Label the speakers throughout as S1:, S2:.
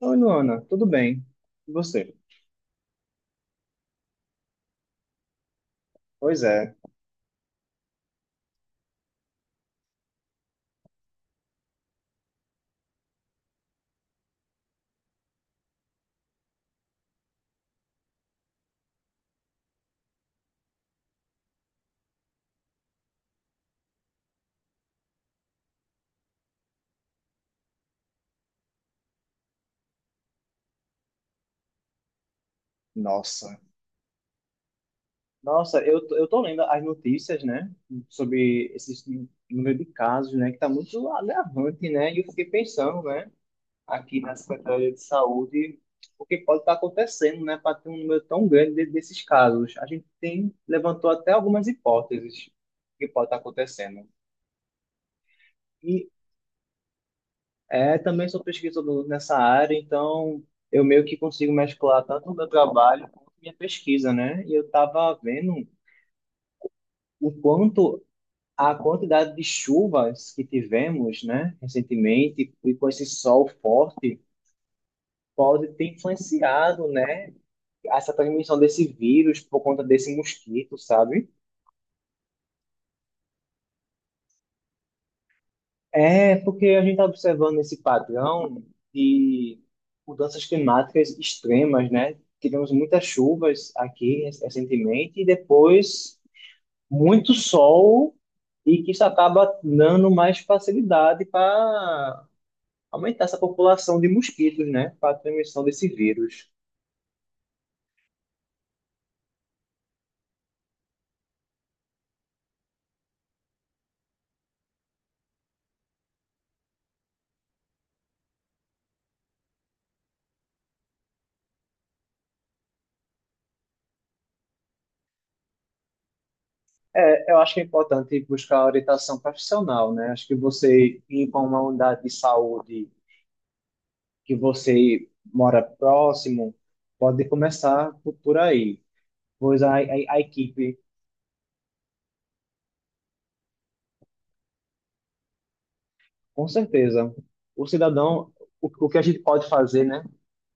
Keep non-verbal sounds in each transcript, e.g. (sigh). S1: Oi, Luana, tudo bem? E você? Pois é, nossa. Nossa, eu tô lendo as notícias, né, sobre esse número de casos, né, que tá muito agravante, né, e eu fiquei pensando, né, aqui na Secretaria de Saúde, o que pode estar acontecendo, né, para ter um número tão grande desses casos. A gente levantou até algumas hipóteses que pode estar acontecendo. E É, também sou pesquisador nessa área, então eu meio que consigo mesclar tanto o meu trabalho quanto minha pesquisa, né? E eu estava vendo o quanto a quantidade de chuvas que tivemos, né, recentemente, e com esse sol forte, pode ter influenciado, né, essa transmissão desse vírus por conta desse mosquito, sabe? É, porque a gente está observando esse padrão de mudanças climáticas extremas, né? Tivemos muitas chuvas aqui recentemente e depois muito sol, e que isso acaba dando mais facilidade para aumentar essa população de mosquitos, né? Para a transmissão desse vírus. É, eu acho que é importante buscar orientação profissional, né? Acho que você ir para uma unidade de saúde que você mora próximo, pode começar por aí. Pois a equipe. Com certeza. O cidadão, o que a gente pode fazer, né?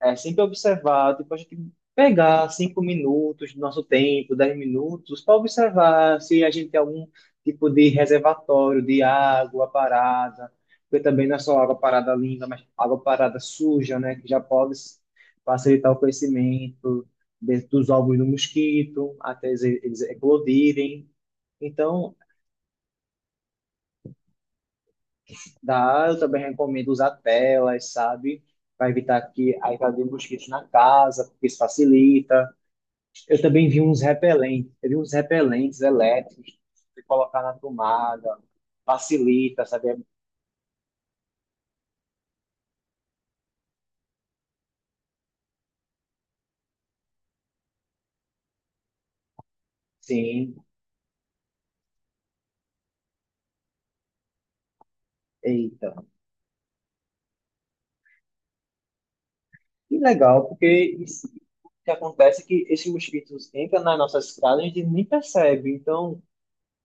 S1: É sempre observar, tipo, a gente pegar 5 minutos do nosso tempo, 10 minutos, para observar se a gente tem algum tipo de reservatório de água parada, porque também não é só água parada limpa, mas água parada suja, né, que já pode facilitar o crescimento dos ovos do mosquito, até eles eclodirem. Então, eu também recomendo usar telas, sabe? Para evitar que a entrada de mosquitos na casa, porque isso facilita. Eu também vi uns repelentes, eu vi uns repelentes elétricos de colocar na tomada, facilita, sabe? Sim, eita. E legal, porque isso que acontece é que esses mosquitos entram nas nossas casas e a gente nem percebe. Então,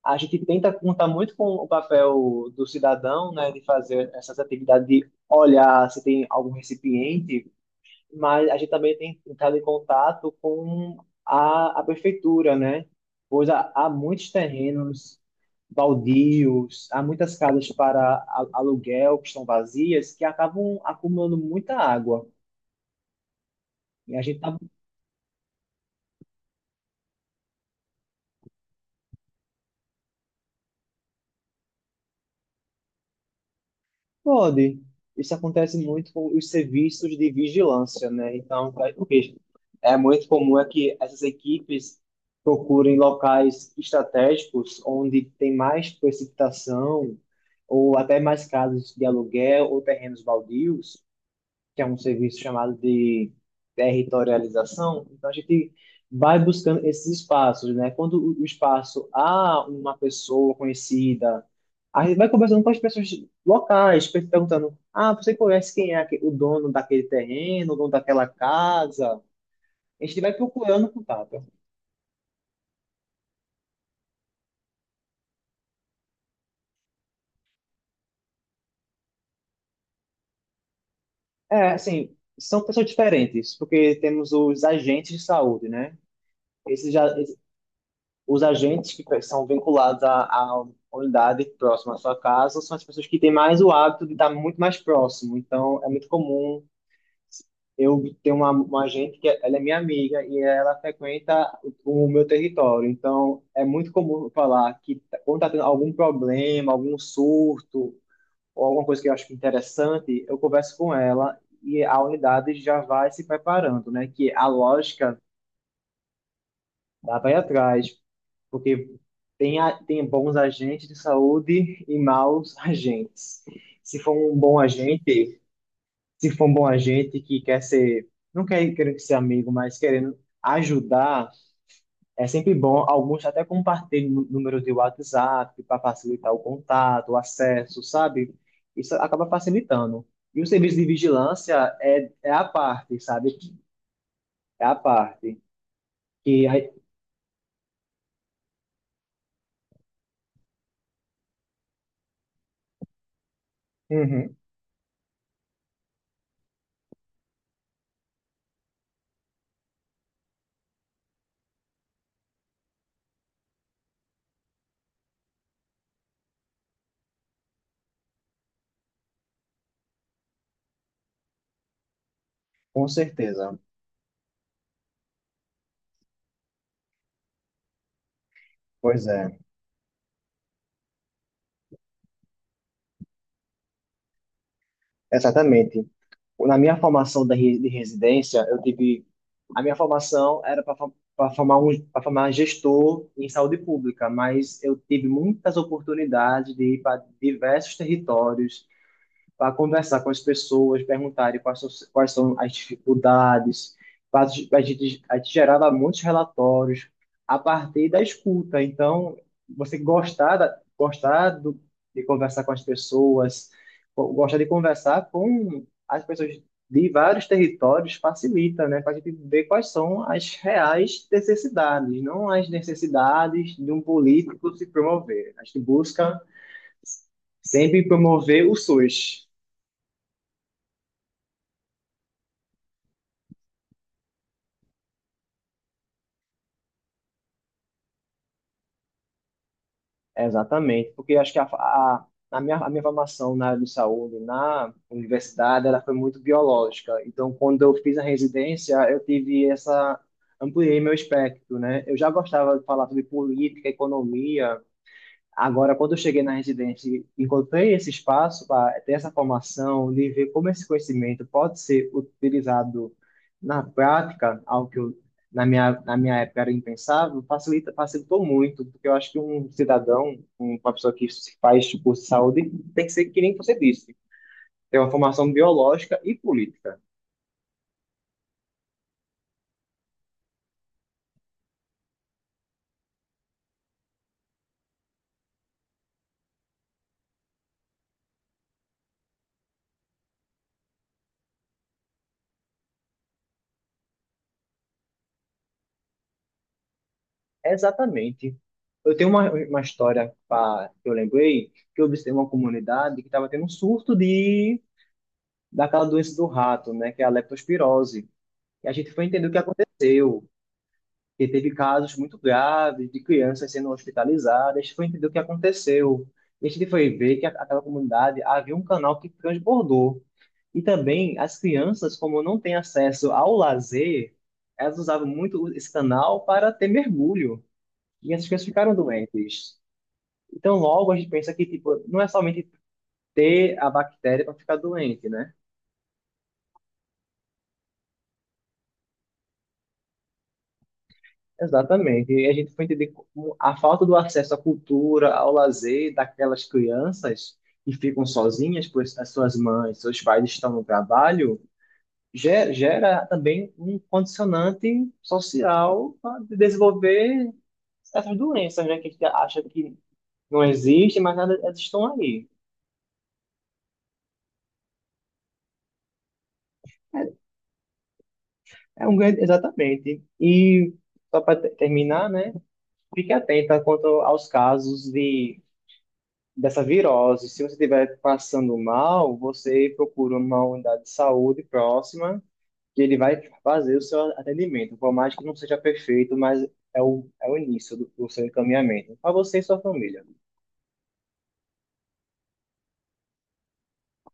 S1: a gente tenta contar muito com o papel do cidadão, né, de fazer essas atividades de olhar se tem algum recipiente, mas a gente também tem entrado em contato com a prefeitura, né? Pois há muitos terrenos baldios, há muitas casas para aluguel que estão vazias, que acabam acumulando muita água. E a gente está. Pode. Isso acontece muito com os serviços de vigilância, né? Então, faz com que é muito comum que essas equipes procurem locais estratégicos onde tem mais precipitação ou até mais casas de aluguel ou terrenos baldios, que é um serviço chamado de territorialização. Então, a gente vai buscando esses espaços, né? Quando o espaço há uma pessoa conhecida, a gente vai conversando com as pessoas locais, perguntando: ah, você conhece quem é o dono daquele terreno, o dono daquela casa? A gente vai procurando contato. É, assim, são pessoas diferentes, porque temos os agentes de saúde, né? Esses, já. Os agentes que são vinculados à unidade próxima à sua casa são as pessoas que têm mais o hábito de estar muito mais próximo. Então, é muito comum eu ter uma agente que é, ela é minha amiga e ela frequenta o meu território. Então, é muito comum eu falar quando está tendo algum problema, algum surto ou alguma coisa que eu acho interessante, eu converso com ela e a unidade já vai se preparando, né? Que a lógica. Dá para ir atrás, porque tem bons agentes de saúde e maus (laughs) agentes. Se for um bom agente, se for um bom agente que quer ser, não quer querendo ser amigo, mas querendo ajudar, é sempre bom. Alguns até compartilham número de WhatsApp para facilitar o contato, o acesso, sabe? Isso acaba facilitando. E o serviço de vigilância é, é a parte, sabe? É a parte. Que aí. Uhum, com certeza. Pois é. Exatamente. Na minha formação da de residência, eu tive. A minha formação era para formar para formar gestor em saúde pública, mas eu tive muitas oportunidades de ir para diversos territórios, para conversar com as pessoas, perguntarem quais são as dificuldades, para a gente gerava muitos relatórios a partir da escuta. Então, você gostar de conversar com as pessoas, gostar de conversar com as pessoas de vários territórios facilita, né, para a gente ver quais são as reais necessidades, não as necessidades de um político se promover. A gente busca sempre promover o SUS. Exatamente, porque acho que a minha formação na área de saúde, na universidade, ela foi muito biológica. Então, quando eu fiz a residência, eu tive essa, ampliei meu espectro, né? Eu já gostava de falar sobre política, economia. Agora, quando eu cheguei na residência e encontrei esse espaço para ter essa formação, de ver como esse conhecimento pode ser utilizado na prática, algo que eu, na minha época era impensável, facilita, facilitou muito, porque eu acho que um cidadão, uma pessoa que se faz curso de saúde, tem que ser que nem você disse, ter uma formação biológica e política. Exatamente. Eu tenho uma história pra, que eu lembrei, que eu visitei uma comunidade que estava tendo um surto de daquela doença do rato, né, que é a leptospirose. E a gente foi entender o que aconteceu, que teve casos muito graves de crianças sendo hospitalizadas, a gente foi entender o que aconteceu. E a gente foi ver que aquela comunidade havia um canal que transbordou. E também as crianças, como não têm acesso ao lazer, elas usavam muito esse canal para ter mergulho. E essas crianças ficaram doentes. Então, logo a gente pensa que tipo, não é somente ter a bactéria para ficar doente, né? Exatamente. E a gente foi entender como a falta do acesso à cultura, ao lazer daquelas crianças que ficam sozinhas, pois as suas mães, seus pais estão no trabalho, gera também um condicionante social para desenvolver essas doenças, né, que a gente acha que não existem, mas elas estão aí. É um grande, exatamente. E só para terminar, né, fique atenta quanto aos casos de dessa virose. Se você estiver passando mal, você procura uma unidade de saúde próxima, que ele vai fazer o seu atendimento. Por mais que não seja perfeito, mas é o início do seu encaminhamento. Para você e sua família.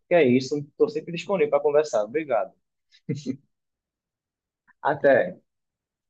S1: Que é isso. Estou sempre disponível para conversar. Obrigado. Até.